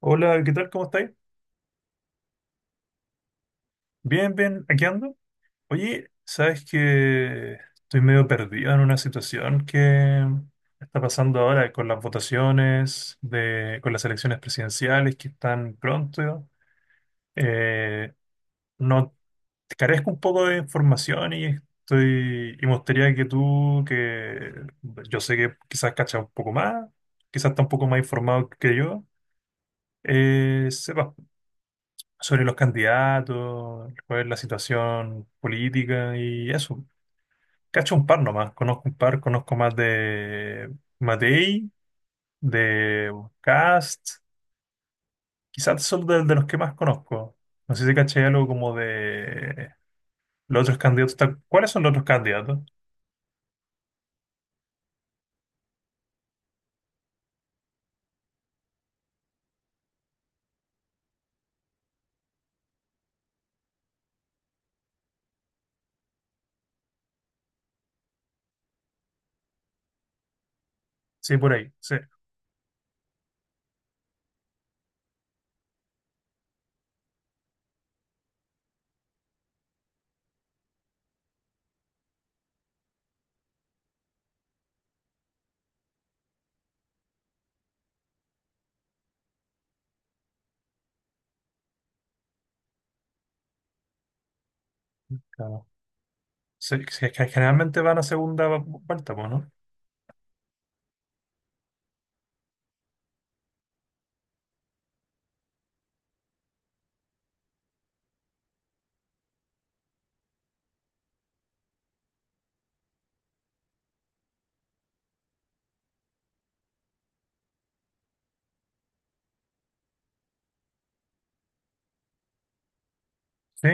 Hola, ¿qué tal? ¿Cómo estáis? Bien, bien, aquí ando. Oye, sabes que estoy medio perdido en una situación que está pasando ahora con las votaciones, con las elecciones presidenciales que están pronto. Eh, no carezco un poco de información y estoy y me gustaría que yo sé que quizás cachas un poco más, quizás está un poco más informado que yo, sepas sobre los candidatos, cuál es la situación política y eso. Cacho un par nomás, conozco un par, conozco más de Matei, de Cast, quizás son de los que más conozco. No sé si caché algo como de los otros candidatos. ¿Cuáles son los otros candidatos? Sí, por ahí, sí. Claro. Sí, sí, es que generalmente van a segunda vuelta, pues, ¿no? Sí,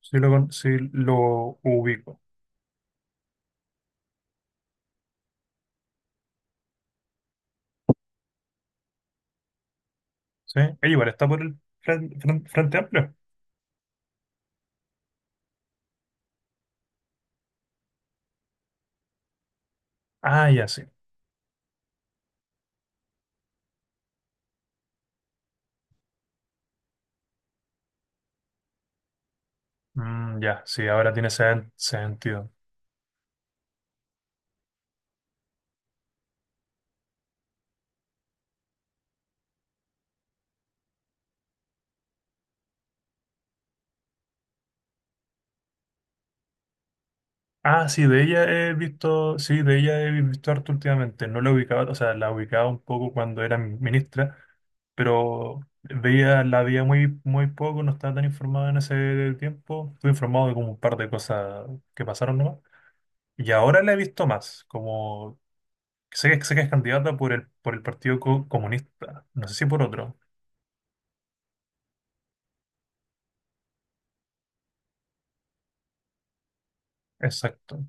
sí lo ubico. Sí, igual está por el Frente Amplio. Ah, ya, sí. Mm, ya, sí, ahora tiene sentido. Ah, sí, de ella he visto, sí, de ella he visto harto últimamente. No la ubicaba, o sea, la ubicaba un poco cuando era ministra, pero veía, la veía muy, muy poco, no estaba tan informado en ese tiempo. Estuve informado de como un par de cosas que pasaron nomás. Y ahora la he visto más, como sé que es candidata por el Comunista, no sé si por otro. Exacto.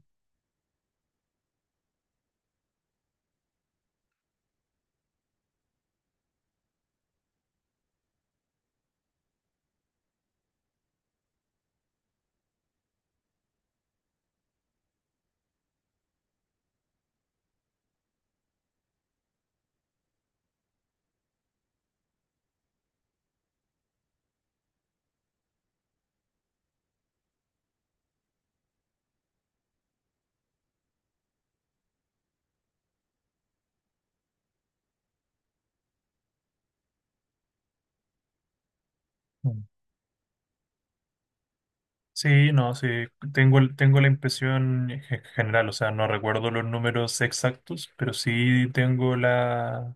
Sí, no, sí, tengo la impresión en general, o sea, no recuerdo los números exactos, pero sí tengo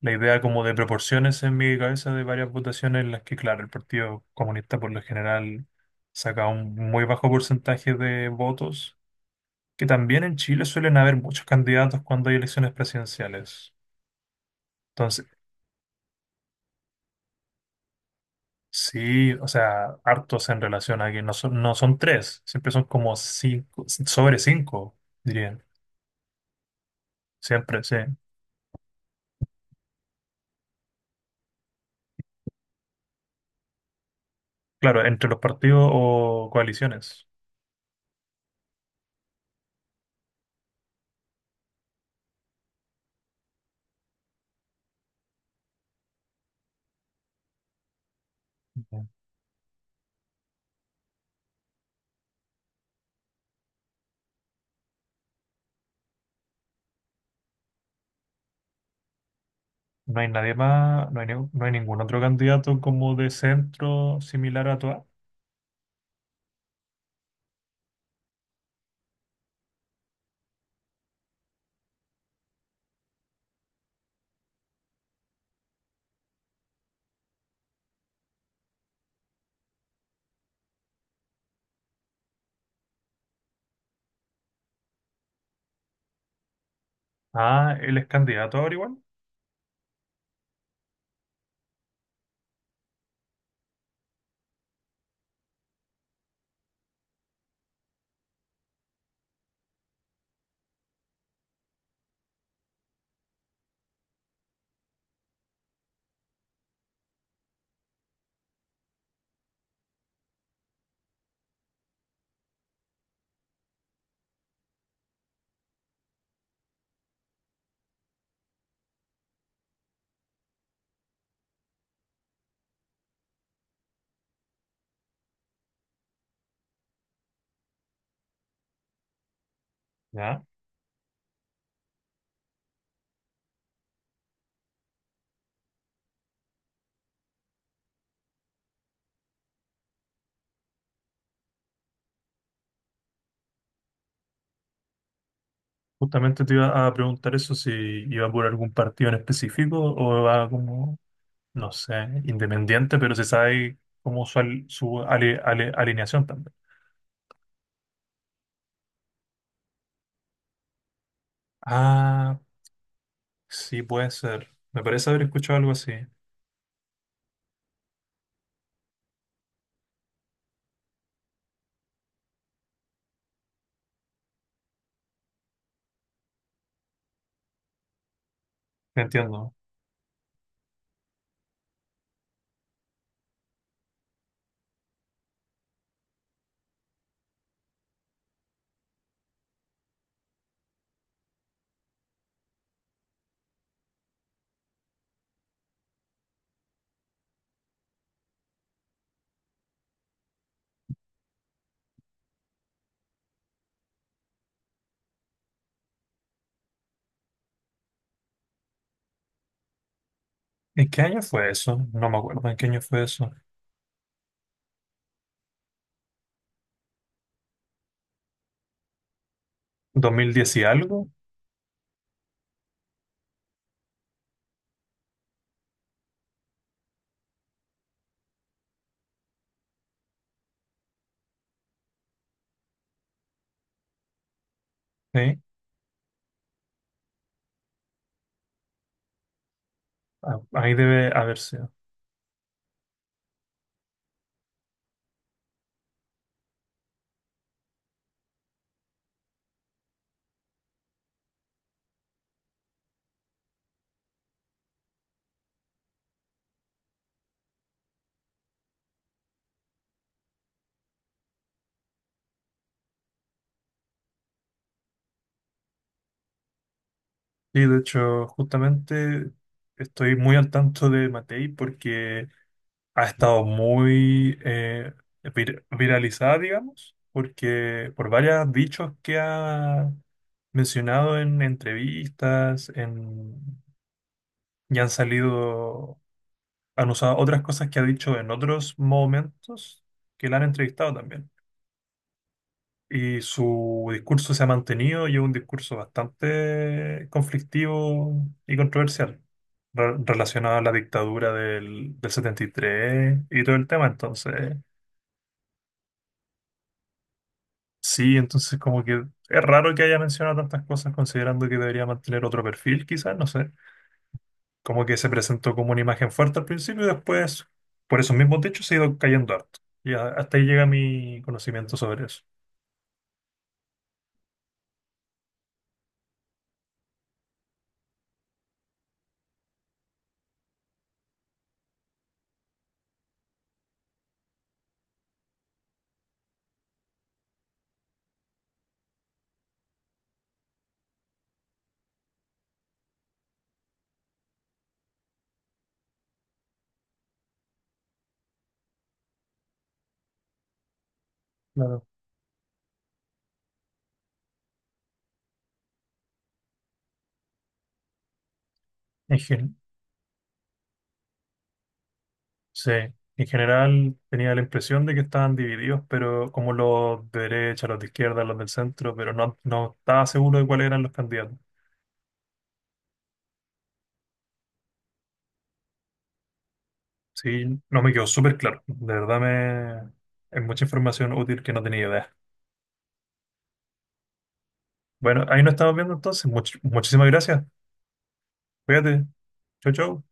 la idea como de proporciones en mi cabeza de varias votaciones en las que, claro, el Partido Comunista por lo general saca un muy bajo porcentaje de votos, que también en Chile suelen haber muchos candidatos cuando hay elecciones presidenciales. Entonces, sí, o sea, hartos en relación a que no son tres, siempre son como cinco, sobre cinco, diría. Siempre, sí. Claro, entre los partidos o coaliciones. No hay nadie más, no hay ningún otro candidato como de centro similar a Toa. Ah, él es candidato ahora igual. Ya. Justamente te iba a preguntar eso, si iba por algún partido en específico o va como, no sé, independiente, pero se sabe como su, al- su ale- ale- alineación también. Ah, sí, puede ser. Me parece haber escuchado algo así. Entiendo. ¿En qué año fue eso? No me acuerdo en qué año fue eso. Dos mil diez y algo, ¿sí? Ah, ahí debe haber sido. Sí, de hecho, justamente estoy muy al tanto de Matei porque ha estado muy viralizada, digamos, porque por varios dichos que ha mencionado en entrevistas, en, y han salido, han usado otras cosas que ha dicho en otros momentos que la han entrevistado también. Y su discurso se ha mantenido y es un discurso bastante conflictivo y controversial relacionado a la dictadura del 73 y todo el tema. Entonces, sí, entonces como que es raro que haya mencionado tantas cosas considerando que debería mantener otro perfil, quizás, no sé. Como que se presentó como una imagen fuerte al principio y después, por esos mismos dichos, se ha ido cayendo harto. Hasta ahí llega mi conocimiento sobre eso. Claro. En, gen- Sí, en general tenía la impresión de que estaban divididos, pero como los de derecha, los de izquierda, los del centro, pero no, no estaba seguro de cuáles eran los candidatos. Sí, no me quedó súper claro. De verdad me... Es mucha información útil que no tenía idea. Bueno, ahí nos estamos viendo entonces. Muchísimas gracias. Cuídate. Chau, chau.